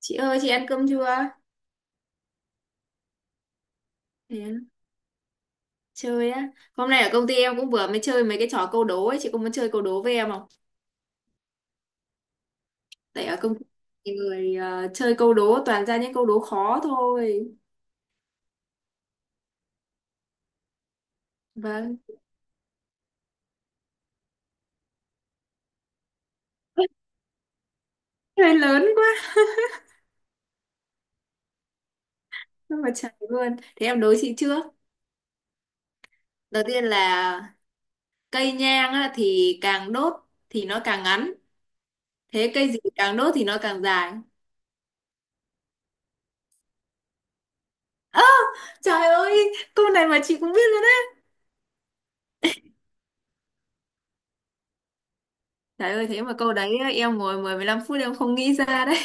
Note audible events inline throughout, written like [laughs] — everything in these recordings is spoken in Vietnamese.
Chị ơi, chị ăn cơm chưa? Đến chơi á. Hôm nay ở công ty em cũng vừa mới chơi mấy cái trò câu đố ấy, chị có muốn chơi câu đố với em không? Tại ở công ty thì người chơi câu đố toàn ra những câu đố khó thôi. Vâng. [laughs] Chơi lớn quá, nhưng mà trời luôn. Thế em đố chị trước. Đầu tiên là cây nhang á, thì càng đốt thì nó càng ngắn. Thế cây gì càng đốt thì nó càng dài. Ơ, trời ơi, câu này mà chị cũng biết luôn đấy. Trời ơi, thế mà câu đấy em ngồi mười mười lăm phút em không nghĩ ra đấy.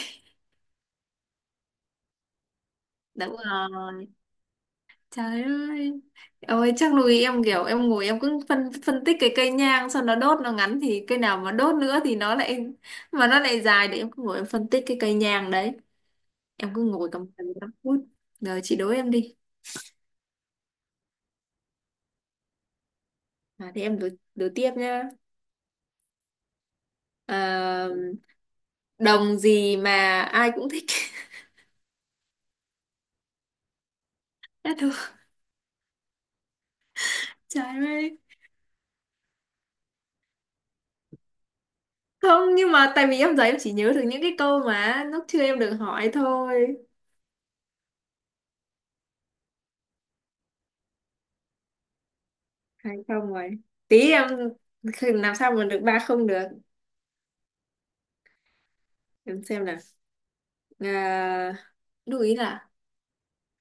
Đúng rồi. Trời ơi. Ôi chắc nuôi em kiểu em ngồi em cứ phân phân tích cái cây nhang xong nó đốt nó ngắn thì cây nào mà đốt nữa thì nó lại mà nó lại dài để em cứ ngồi em phân tích cái cây nhang đấy. Em cứ ngồi tầm 15 phút. Rồi chị đố em đi. À, thì em đố tiếp nhá. À, đồng gì mà ai cũng thích. [laughs] Đã được. Trời ơi. Không nhưng mà tại vì em giờ em chỉ nhớ được những cái câu mà lúc chưa em được hỏi thôi. Hay không rồi. Tí em làm sao mà được ba không được. Em xem nào. À, lưu ý là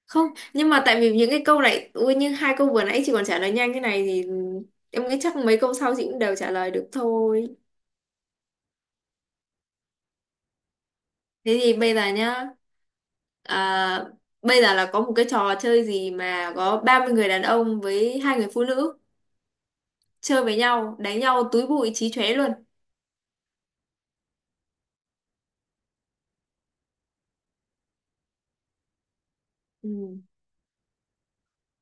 không, nhưng mà tại vì những cái câu này ui như hai câu vừa nãy chị còn trả lời nhanh cái này thì em nghĩ chắc mấy câu sau chị cũng đều trả lời được thôi. Thế thì bây giờ nhá. À, bây giờ là có một cái trò chơi gì mà có 30 người đàn ông với hai người phụ nữ chơi với nhau, đánh nhau túi bụi chí chóe luôn. Ừ.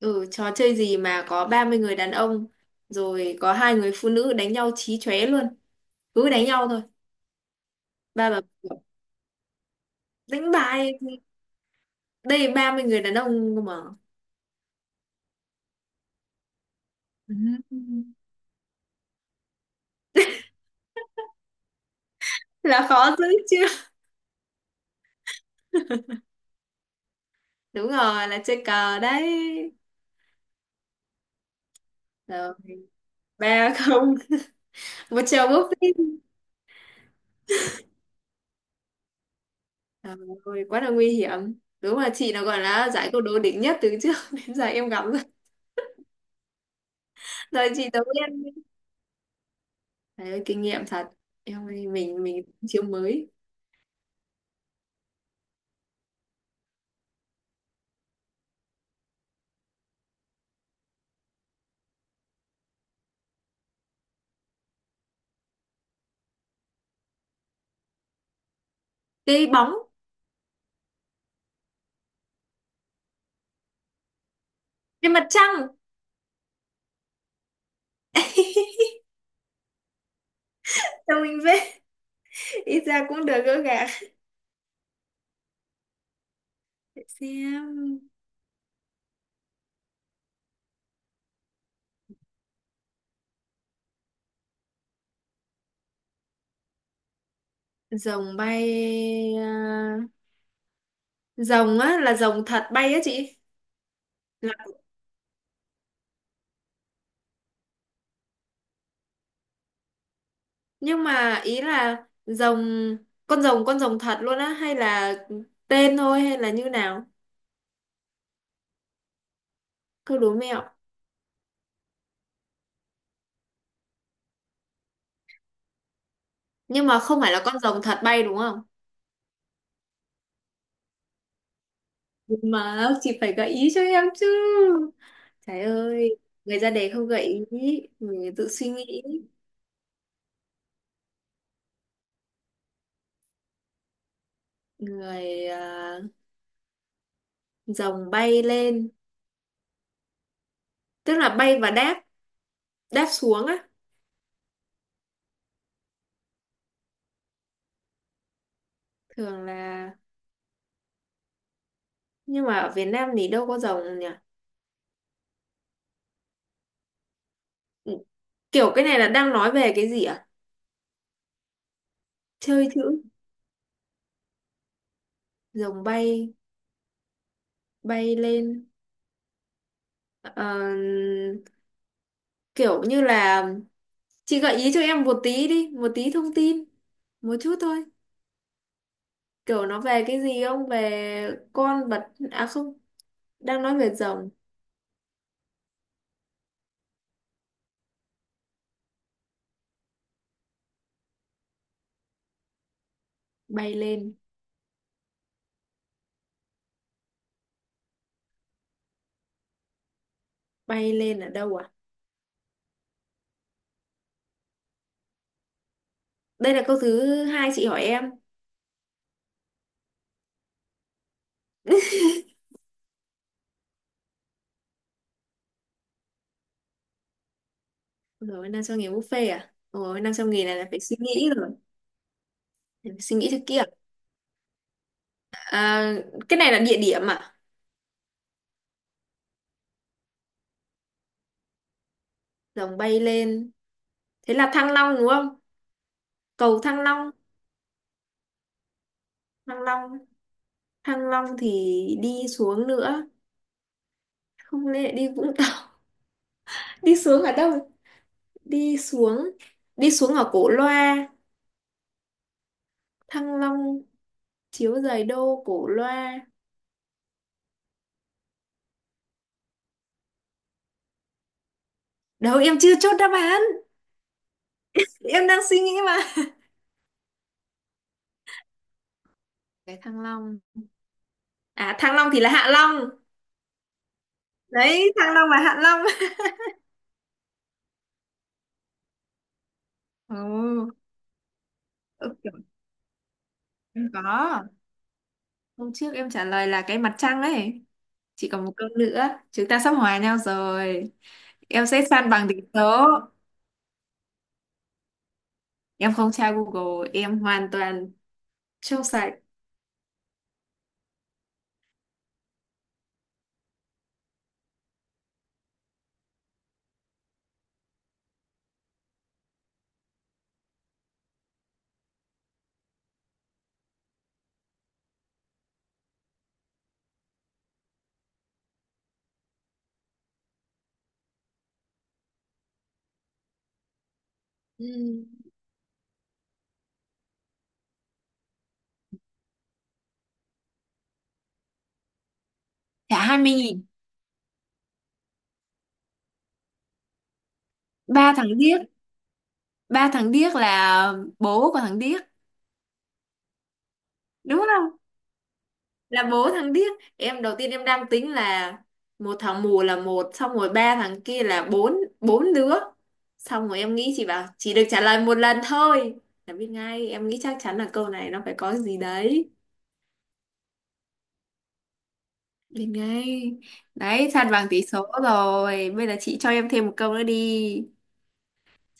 Ừ, trò chơi gì mà có 30 người đàn ông rồi có hai người phụ nữ đánh nhau chí chóe luôn, cứ đánh nhau thôi. Ba bà đánh bài. Đây, 30 người đàn ông cơ mà. Ừ. Là khó dữ chứ. Đúng rồi, là chơi cờ đấy. Rồi ba không một chèo búp đi. Trời ơi, quá là nguy hiểm, đúng là chị nó gọi là giải câu đố đỉnh nhất từ trước [laughs] đến giờ em gặp rồi. Rồi chị đầu tiên. Trời ơi, kinh nghiệm thật em ơi, mình chiêu mới. Cái bóng. Cái mặt trăng. [laughs] Cho mình về ít ra cũng được gỡ gạc. Để xem. Rồng bay à, rồng á là rồng thật bay á chị. Nhưng mà ý là rồng, con rồng thật luôn á hay là tên thôi hay là như nào? Cứ đố mẹo. Nhưng mà không phải là con rồng thật bay đúng không? Nhưng mà chị phải gợi ý cho em chứ. Trời ơi, người ra đề không gợi ý, người tự suy nghĩ, người à, rồng bay lên, tức là bay và đáp, đáp xuống á, thường là. Nhưng mà ở Việt Nam thì đâu có rồng nhỉ? Ừ, kiểu cái này là đang nói về cái gì à? Chơi chữ, rồng bay, bay lên. Ờ, kiểu như là chị gợi ý cho em một tí đi, một tí thông tin, một chút thôi. Kiểu nó về cái gì, không về con vật à, không. Đang nói về rồng. Bay lên bay lên ở đâu à. Đây là câu thứ hai chị hỏi em. Rồi 500.000 buffet à, rồi 500.000 này là phải suy nghĩ rồi. Phải suy nghĩ cho kia à. À, cái này là địa điểm à. Rồng bay lên thế là Thăng Long đúng không, cầu Thăng Long. Thăng Long. Thăng Long thì đi xuống nữa, không lẽ đi Vũng Tàu. Đi xuống ở đâu? Đi xuống. Đi xuống ở Cổ Loa. Thăng Long chiếu giày đô Cổ Loa. Đâu, em chưa chốt đáp án. Em đang suy nghĩ mà. Cái Thăng Long. À, Thăng Long thì là Hạ Long. Đấy, Thăng Long là Hạ Long. Ồ. Ừ, kiểu em có, hôm trước em trả lời là cái mặt trăng ấy. Chỉ còn một câu nữa, chúng ta sắp hòa nhau rồi, em sẽ san bằng tỷ số. Em không tra Google, em hoàn toàn trong sạch. Ừ. Trả 20.000. Ba tháng tiếp, ba thằng Điếc là bố của thằng Điếc, đúng không? Là bố thằng Điếc. Em đầu tiên em đang tính là một thằng mù là một, xong rồi ba thằng kia là bốn bốn đứa, xong rồi em nghĩ chị bảo chỉ được trả lời một lần thôi là biết ngay. Em nghĩ chắc chắn là câu này nó phải có gì đấy, biết ngay đấy. San bằng tỷ số rồi, bây giờ chị cho em thêm một câu nữa đi.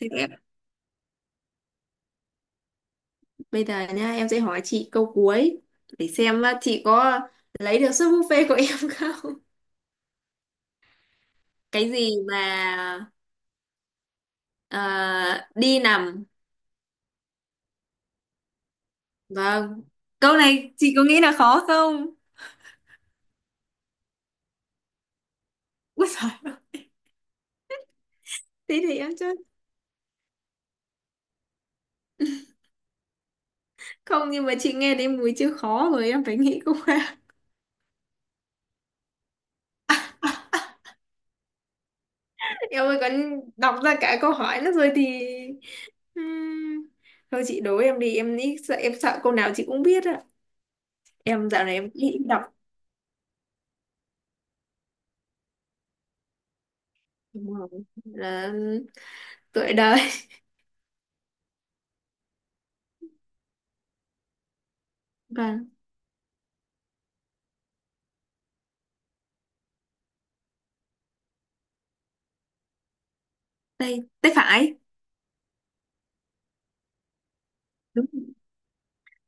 Thế em- Bây giờ nha em sẽ hỏi chị câu cuối, để xem chị có lấy được suất buffet của em không. Cái gì mà ờ, đi nằm. Vâng. Câu này chị có nghĩ là khó không? Úi giời, thế thì em chết. Không, nhưng mà chị nghe đến mùi chữ khó rồi em phải nghĩ cũng ra. [laughs] Em ơi còn đọc ra cả câu hỏi nữa rồi thì. Ừm, Thôi chị đố em đi, em nghĩ sợ em sợ câu nào chị cũng biết ạ. Em dạo này em nghĩ đọc. Đúng rồi. Là tuổi đời. Và tay tay phải. Đúng,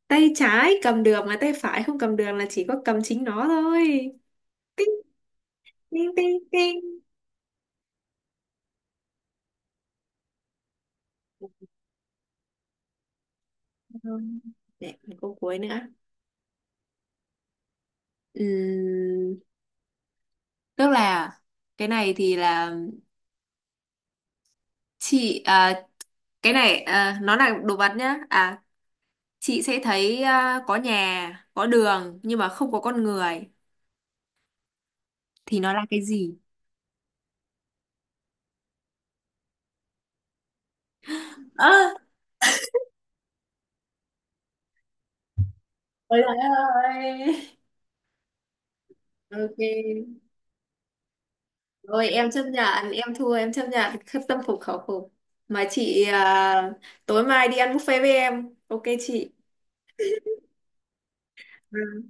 tay trái cầm được mà tay phải không cầm được là chỉ có cầm chính nó thôi. Ting ting ting. Rồi. Để một câu cuối nữa. Ừm, Tức là cái này thì là, chị à, cái này à, nó là đồ vật nhá. À, chị sẽ thấy à, có nhà, có đường nhưng mà không có con người, thì nó là cái gì? Ơ, ôi trời ơi. Ok. Rồi em chấp nhận, em thua, em chấp nhận khất tâm phục khẩu phục. Mà chị à, tối mai đi ăn buffet với em. Ok chị. Ừ.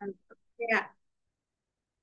Ok ạ.